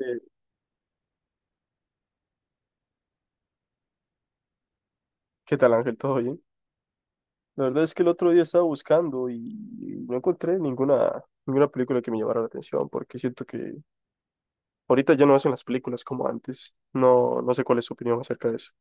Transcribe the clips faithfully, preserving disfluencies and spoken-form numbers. Eh, ¿Qué tal, Ángel? ¿Todo bien? La verdad es que el otro día estaba buscando y no encontré ninguna, ninguna película que me llamara la atención, porque siento que ahorita ya no hacen las películas como antes. No, no sé cuál es su opinión acerca de eso.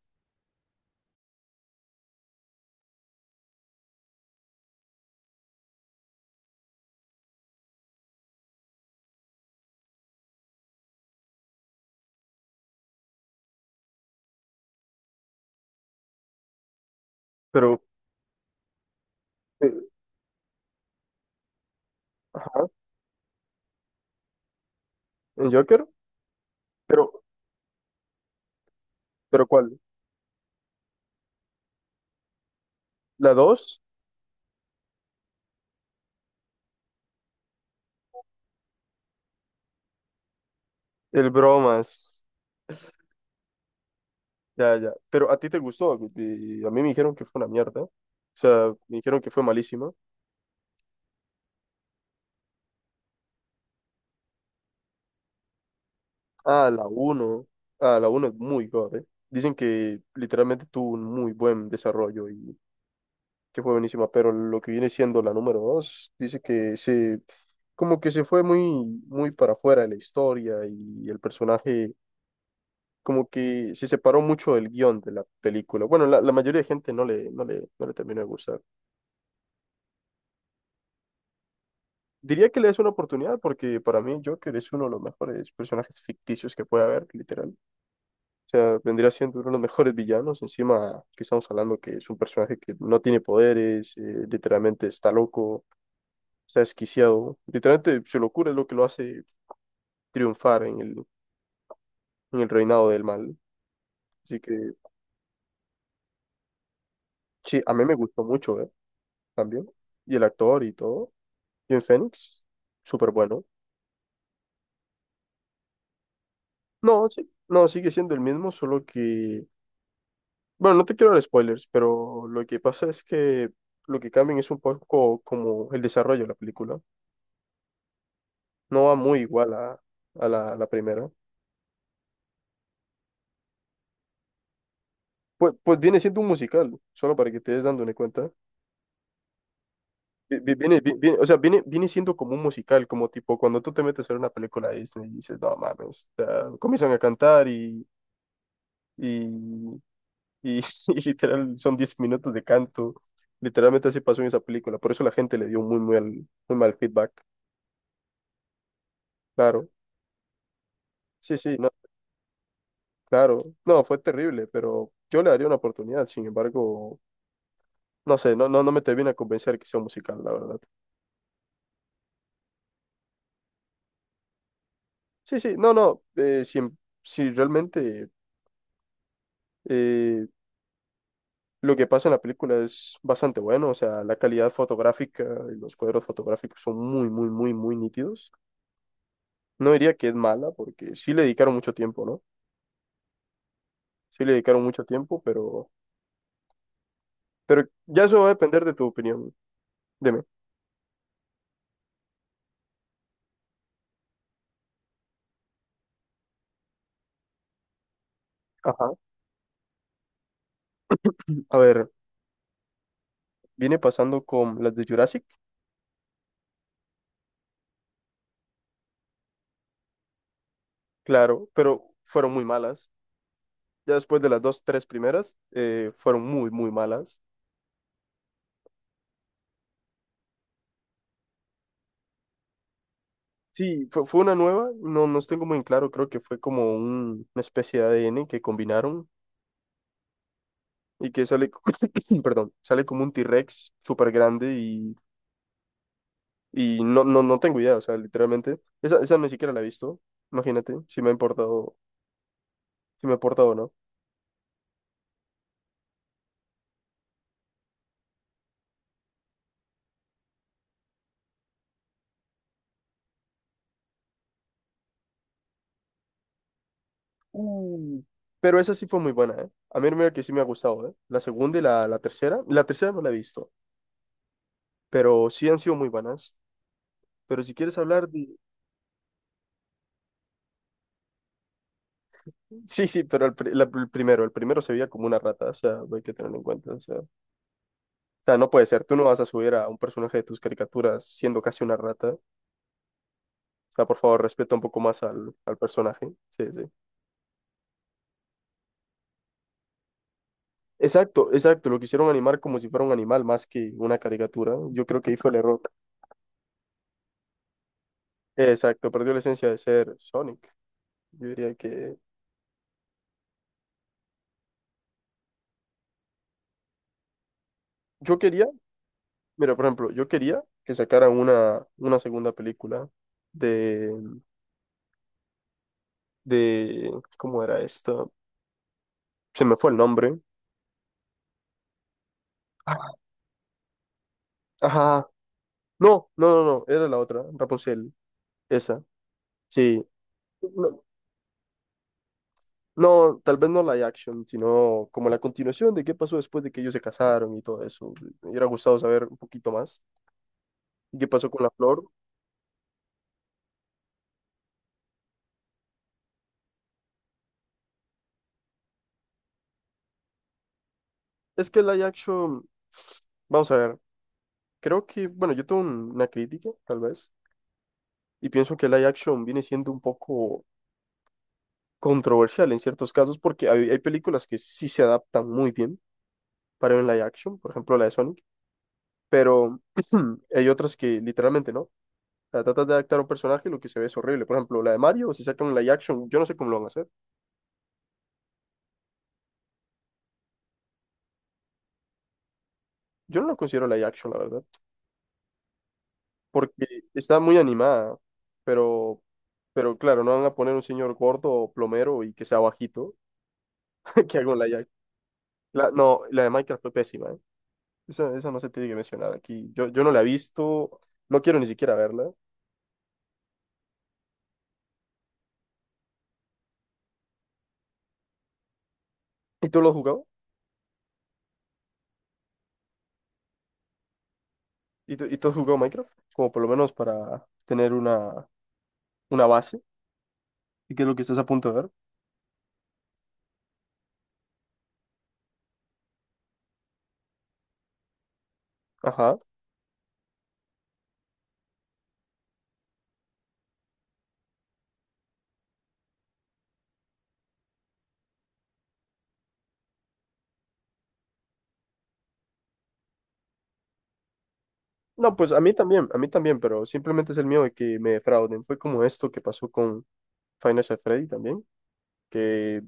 Pero, eh, ajá, ¿el Joker? Pero, ¿pero cuál? ¿La dos? El bromas. Ya, ya. Pero a ti te gustó. Y a mí me dijeron que fue una mierda. O sea, me dijeron que fue malísima. Ah, la uno, Ah, la uno es muy god, eh. Dicen que literalmente tuvo un muy buen desarrollo y que fue buenísima, pero lo que viene siendo la número dos, dice que se, como que se fue muy, muy para afuera de la historia y el personaje como que se separó mucho del guión de la película. Bueno, la, la mayoría de gente no le, no le, no le terminó de gustar. Diría que le es una oportunidad porque para mí Joker es uno de los mejores personajes ficticios que puede haber, literal. O sea, vendría siendo uno de los mejores villanos. Encima que estamos hablando que es un personaje que no tiene poderes, eh, literalmente está loco. Está desquiciado. ¿No? Literalmente su locura es lo que lo hace triunfar en el, en el reinado del mal. Así que, sí, a mí me gustó mucho, ¿eh? También. Y el actor y todo. Joaquin Phoenix, súper bueno. No, sí, no, sigue siendo el mismo, solo que... Bueno, no te quiero dar spoilers, pero lo que pasa es que lo que cambian es un poco como el desarrollo de la película. No va muy igual a, a la, a la primera. Pues, pues viene siendo un musical, solo para que te des dando una cuenta. vi- vi- Viene, vi- vi- o sea, viene, viene siendo como un musical, como tipo cuando tú te metes a ver una película de Disney y dices, no mames, o sea, comienzan a cantar y, y, y, y literal son diez minutos de canto. Literalmente así pasó en esa película, por eso la gente le dio muy, muy, al- muy mal feedback. Claro, sí, sí, no, claro, no, fue terrible, pero yo le daría una oportunidad, sin embargo, no sé, no, no, no me termina a convencer que sea un musical, la verdad. Sí, sí, no, no, eh, si, si realmente. eh, Lo que pasa en la película es bastante bueno, o sea, la calidad fotográfica y los cuadros fotográficos son muy, muy, muy, muy nítidos. No diría que es mala, porque sí le dedicaron mucho tiempo, ¿no? Sí le dedicaron mucho tiempo, pero, pero ya eso va a depender de tu opinión. Dime. Ajá. A ver, viene pasando con las de Jurassic, claro, pero fueron muy malas. Ya después de las dos, tres primeras, eh, fueron muy, muy malas. Sí, fue, fue una nueva, no, no tengo muy en claro, creo que fue como un- una especie de A D N que combinaron y que sale, perdón, sale como un T-Rex súper grande y, y no, no, no tengo idea, o sea, literalmente, esa, esa ni siquiera la he visto, imagínate, si me ha importado, si me ha importado o no. Uh, Pero esa sí fue muy buena, ¿eh? A mí mira que sí me ha gustado, ¿eh? La segunda y la, la tercera, la tercera no la he visto, pero sí han sido muy buenas. Pero si quieres hablar de... Sí, sí, pero el, pri- la- el primero, el primero se veía como una rata, o sea, hay que tenerlo en cuenta, o sea, o sea, no puede ser, tú no vas a subir a un personaje de tus caricaturas siendo casi una rata. O sea, por favor, respeta un poco más al, al personaje. Sí, sí. Exacto, exacto. Lo quisieron animar como si fuera un animal más que una caricatura. Yo creo que ahí fue el error. Exacto, perdió la esencia de ser Sonic. Yo diría que... Yo quería, mira, por ejemplo, yo quería que sacaran una, una segunda película de, de... ¿Cómo era esta? Se me fue el nombre. Ajá. No, no, no, no. Era la otra, Rapunzel. Esa. Sí. No, no, tal vez no live action, sino como la continuación de qué pasó después de que ellos se casaron y todo eso. Me hubiera gustado saber un poquito más. ¿Y qué pasó con la flor? Es que live action, vamos a ver, creo que, bueno, yo tengo un- una crítica, tal vez, y pienso que live action viene siendo un poco controversial en ciertos casos porque hay, hay películas que sí se adaptan muy bien para un live action, por ejemplo la de Sonic, pero hay otras que literalmente no. O sea, tratas de adaptar a un personaje y lo que se ve es horrible. Por ejemplo, la de Mario, si sacan un live action, yo no sé cómo lo van a hacer. Yo no lo considero live action, la verdad, porque está muy animada, pero, pero, claro, no van a poner un señor gordo o plomero y que sea bajito que haga un live action. La- no, la de Minecraft fue pésima, ¿eh? Esa, esa no se tiene que mencionar aquí. Yo, yo no la he visto, no quiero ni siquiera verla. ¿Y tú lo has jugado? ¿Y tú, y tú has jugado Minecraft? Como por lo menos para tener una, una base. ¿Y qué es lo que estás a punto de ver? Ajá. No, pues a mí también, a mí también, pero simplemente es el miedo de que me defrauden. Fue como esto que pasó con Final Fantasy Freddy también que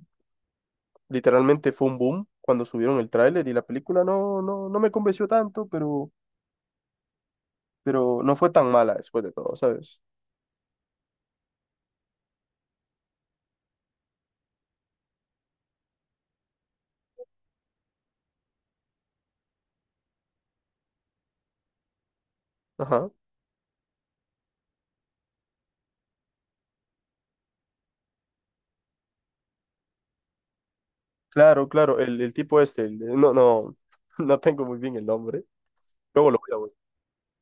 literalmente fue un boom cuando subieron el tráiler y la película no, no, no me convenció tanto, pero, pero no fue tan mala después de todo, ¿sabes? Ajá. Claro, claro, el, el tipo este, el- no, no, no tengo muy bien el nombre. Luego lo voy a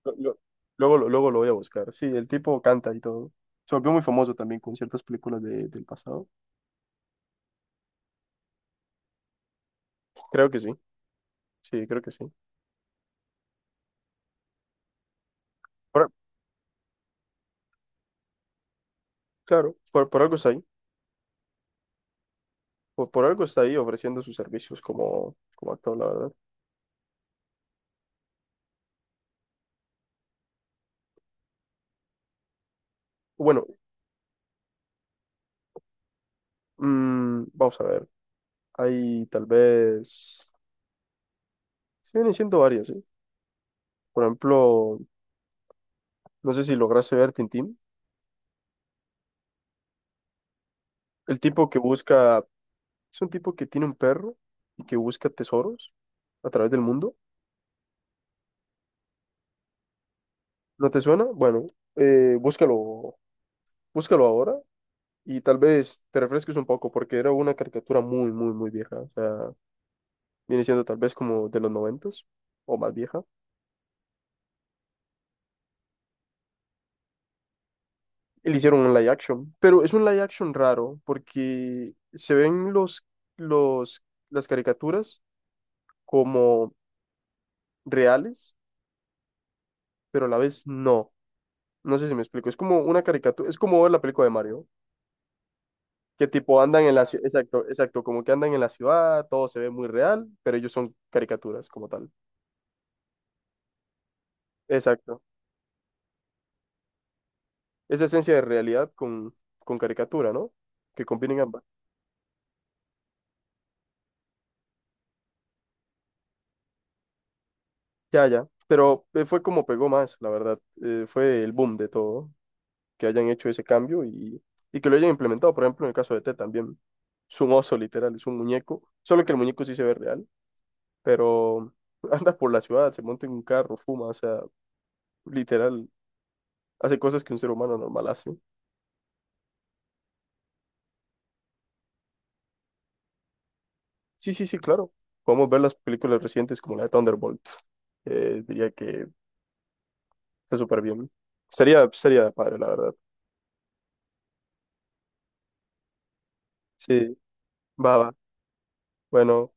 buscar. Luego, lo- luego lo voy a buscar. Sí, el tipo canta y todo. Se volvió muy famoso también con ciertas películas de- del pasado. Creo que sí, sí, creo que sí. Por- claro, por, por algo está ahí. Por, por algo está ahí ofreciendo sus servicios como, como actor, la verdad. Bueno, mm, vamos a ver. Hay tal vez, sí vienen siendo varias, ¿sí? Por ejemplo, no sé si lograste ver Tintín. El tipo que busca, es un tipo que tiene un perro y que busca tesoros a través del mundo. ¿No te suena? Bueno, eh, búscalo, búscalo ahora y tal vez te refresques un poco porque era una caricatura muy, muy, muy vieja. O sea, viene siendo tal vez como de los noventas o más vieja. Y le hicieron un live action, pero es un live action raro porque se ven los, los, las caricaturas como reales, pero a la vez no. No sé si me explico. Es como una caricatura, es como ver la película de Mario, que tipo andan en la ciudad, exacto, exacto, como que andan en la ciudad, todo se ve muy real, pero ellos son caricaturas como tal. Exacto. Esa esencia de realidad con, con caricatura, ¿no? Que combinen ambas. Ya, ya. Pero eh, fue como pegó más, la verdad. Eh, fue el boom de todo, que hayan hecho ese cambio y, y que lo hayan implementado, por ejemplo, en el caso de T también. Es un oso, literal, es un muñeco, solo que el muñeco sí se ve real pero anda por la ciudad, se monta en un carro, fuma, o sea, literal, hace cosas que un ser humano normal hace. Sí, sí, sí, claro. Podemos ver las películas recientes como la de Thunderbolt. Eh, diría que está súper bien. Sería, sería padre, la verdad. Sí, va, va. Bueno.